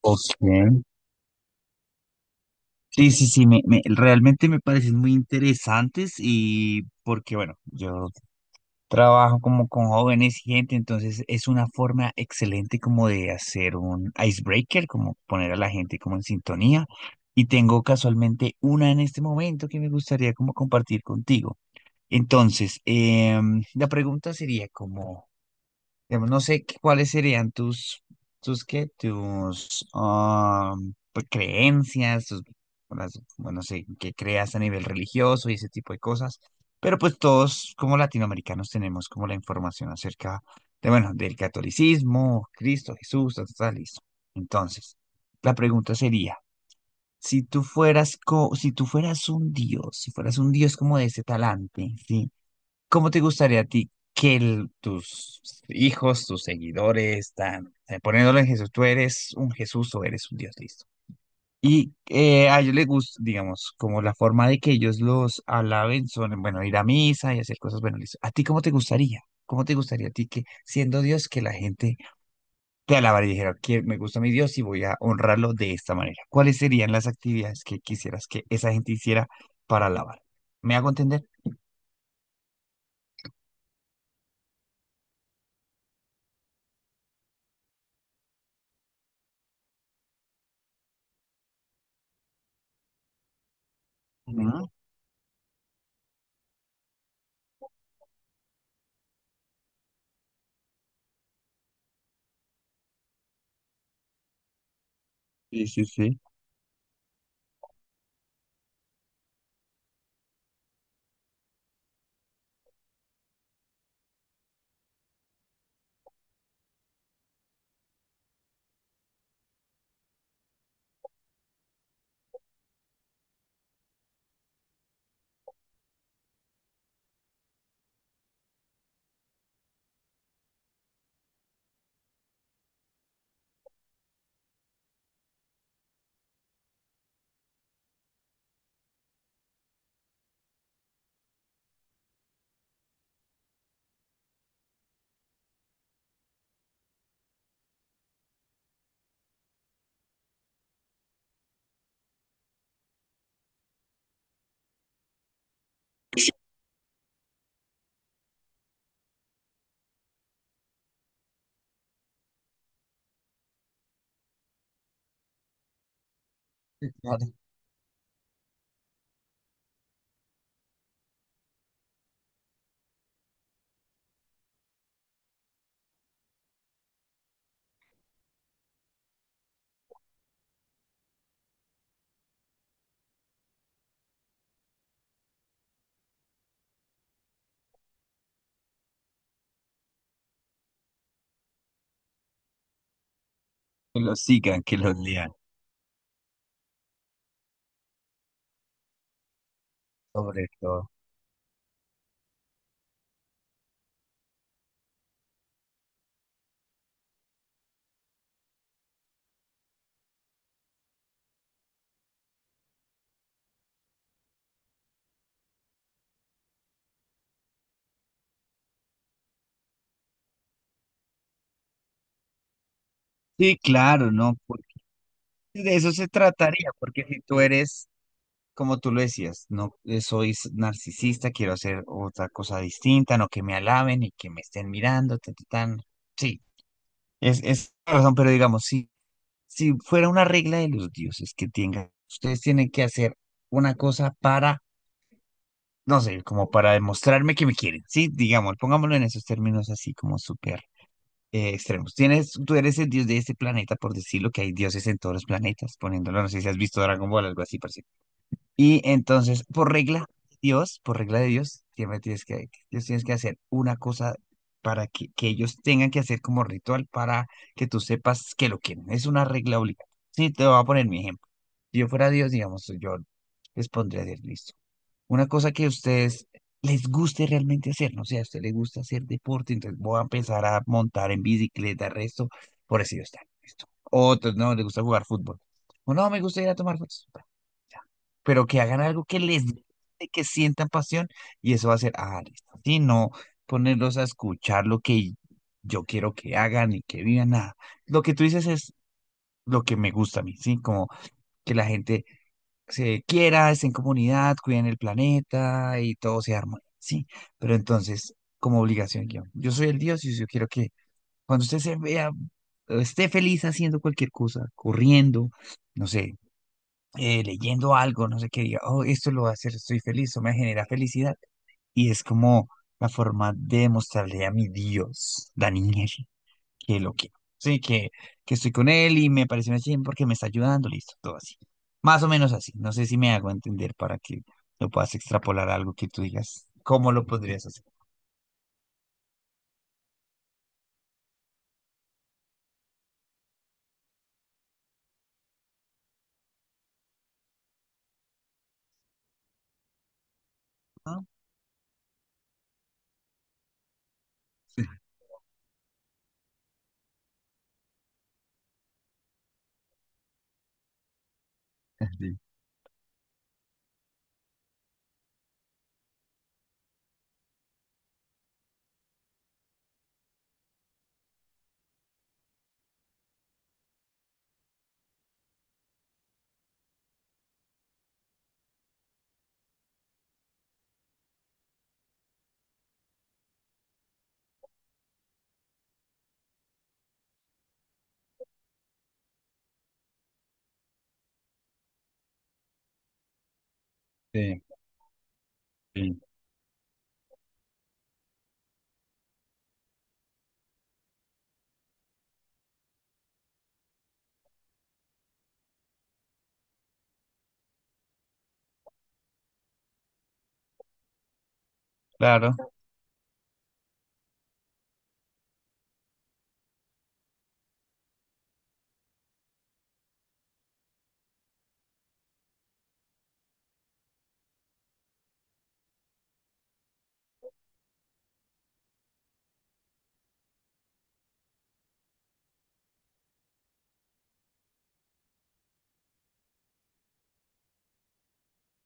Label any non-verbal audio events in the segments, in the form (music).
Ok. Sí, sí, sí, realmente me parecen muy interesantes y porque, bueno, yo trabajo como con jóvenes y gente, entonces es una forma excelente como de hacer un icebreaker, como poner a la gente como en sintonía. Y tengo casualmente una en este momento que me gustaría como compartir contigo. Entonces, la pregunta sería como... Digamos, no sé qué- cuáles serían tus pues, creencias, tus, bueno, no sé, qué creas a nivel religioso y ese tipo de cosas. Pero pues todos como latinoamericanos tenemos como la información acerca de, bueno, del catolicismo, Cristo, Jesús, tal, tal, tal, listo. Entonces, la pregunta sería, si tú fueras un dios, si fueras un dios como de ese talante, ¿sí? ¿Cómo te gustaría a ti que tus hijos, tus seguidores, tan, poniéndolo en Jesús, tú eres un Jesús o eres un Dios, listo? Y a ellos les gusta, digamos, como la forma de que ellos los alaben son, bueno, ir a misa y hacer cosas, bueno, listo. ¿A ti cómo te gustaría? ¿Cómo te gustaría a ti que, siendo Dios, que la gente te alabara y dijera, que me gusta mi Dios y voy a honrarlo de esta manera? ¿Cuáles serían las actividades que quisieras que esa gente hiciera para alabar? ¿Me hago entender? Ujú. Sí, sí, sí. Que los sigan, que los lean, sobre todo. Sí, claro, ¿no? Porque de eso se trataría, porque si tú eres, como tú lo decías, no soy narcisista, quiero hacer otra cosa distinta, no que me alaben y que me estén mirando, tan, tan, tan. Sí, es la razón, pero digamos, si, si fuera una regla de los dioses que tengan, ustedes tienen que hacer una cosa para, no sé, como para demostrarme que me quieren, sí, digamos, pongámoslo en esos términos así como súper extremos. Tienes, tú eres el dios de este planeta, por decirlo, que hay dioses en todos los planetas, poniéndolo, no sé si has visto Dragon Ball, algo así parecido. Y entonces, por regla, Dios, por regla de Dios, siempre tienes que, Dios tienes que hacer una cosa para que ellos tengan que hacer como ritual para que tú sepas que lo quieren. Es una regla obligatoria. Sí, te voy a poner mi ejemplo. Si yo fuera Dios, digamos, yo les pondría a decir, listo. Una cosa que a ustedes les guste realmente hacer, no sé, a usted le gusta hacer deporte, entonces voy a empezar a montar en bicicleta, resto, por eso está, listo. Otros no, les gusta jugar fútbol. O no, me gusta ir a tomar fotos. Bueno, ya. Pero que hagan algo que les guste, que sientan pasión, y eso va a ser, ah, listo. Sí, no ponerlos a escuchar lo que yo quiero que hagan y que vivan, nada. Lo que tú dices es lo que me gusta a mí, ¿sí? Como que la gente se quiera, estén en comunidad, cuiden el planeta y todo se arma, sí. Pero entonces, como obligación, yo soy el Dios y yo quiero que cuando usted se vea, esté feliz haciendo cualquier cosa, corriendo, no sé, leyendo algo, no sé qué, diga, oh, esto lo va a hacer, estoy feliz, o me genera felicidad. Y es como la forma de mostrarle a mi Dios, Daniel que lo quiero. Sí, que estoy con él y me parece una chimba porque me está ayudando, listo, todo así. Más o menos así. No sé si me hago entender para que lo puedas extrapolar a algo que tú digas. ¿Cómo lo podrías hacer? ¿No? (laughs) Sí, sí, sí. Claro.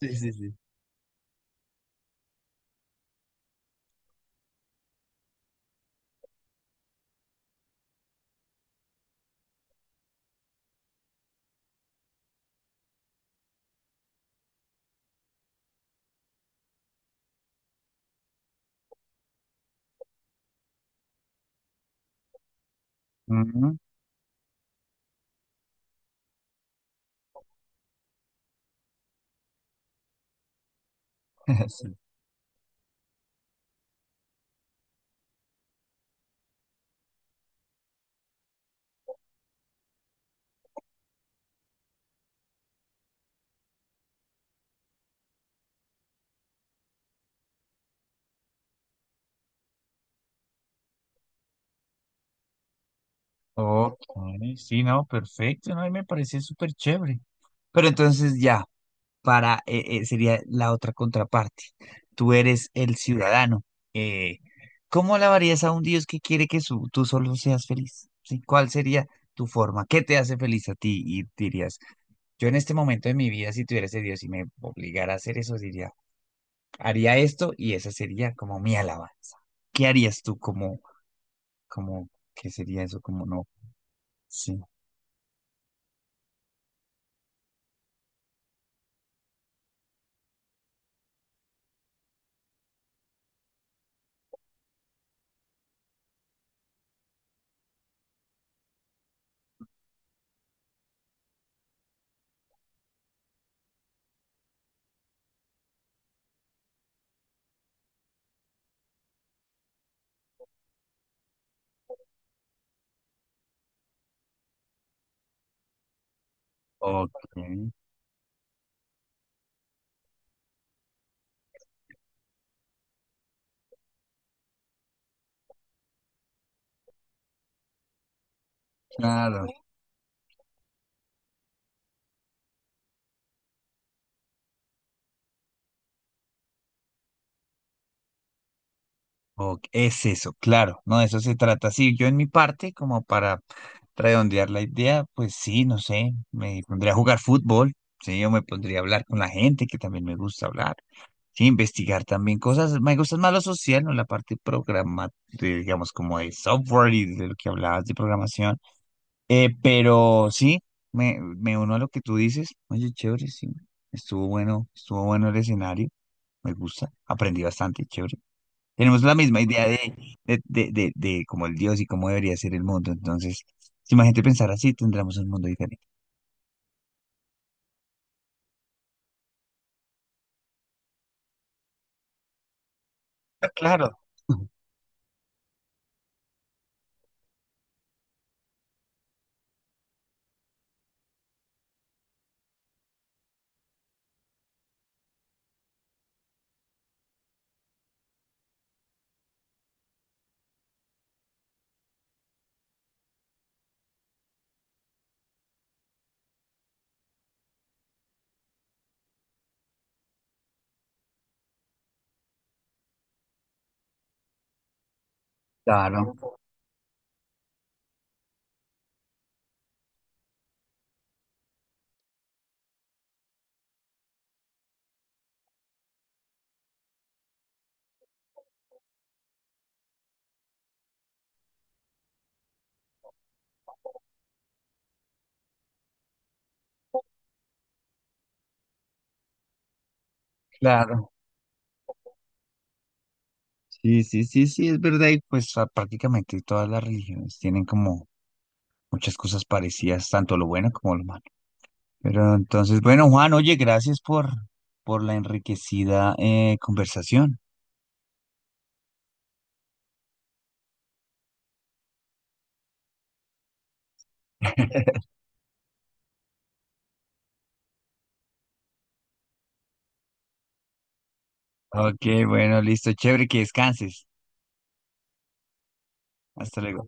Sí, sí, sí. Ujú. (laughs) Sí. Ok, sí, no, perfecto, no, y me parece súper chévere. Pero entonces ya. Para, sería la otra contraparte. Tú eres el ciudadano. Eh, ¿Cómo alabarías a un Dios que quiere que tú solo seas feliz? ¿Sí? ¿Cuál sería tu forma? ¿Qué te hace feliz a ti? Y dirías, yo en este momento de mi vida, si tuviera ese Dios y me obligara a hacer eso, diría, haría esto y esa sería como mi alabanza. ¿Qué harías tú como, qué sería eso? Como no, sí. Ok, claro. Ok, es eso, claro, no, de eso se trata. Sí, yo en mi parte, como para redondear la idea, pues sí, no sé, me pondría a jugar fútbol, sí, yo me pondría a hablar con la gente, que también me gusta hablar, sí, investigar también cosas, me gusta más lo social, ¿no? La parte programa, de, digamos, como de software y de lo que hablabas de programación. Pero sí, me uno a lo que tú dices, oye, chévere, sí, estuvo bueno el escenario, me gusta, aprendí bastante, chévere. Tenemos la misma idea de, de cómo el Dios y cómo debería ser el mundo. Entonces, si más gente pensara así, tendremos un mundo diferente. Ah, claro, claro, claro. Sí, sí, sí, sí, es verdad. Y pues ah, prácticamente todas las religiones tienen como muchas cosas parecidas, tanto lo bueno como lo malo. Pero entonces, bueno, Juan, oye, gracias por la enriquecida conversación. (laughs) Ok, bueno, listo, chévere, que descanses. Hasta luego.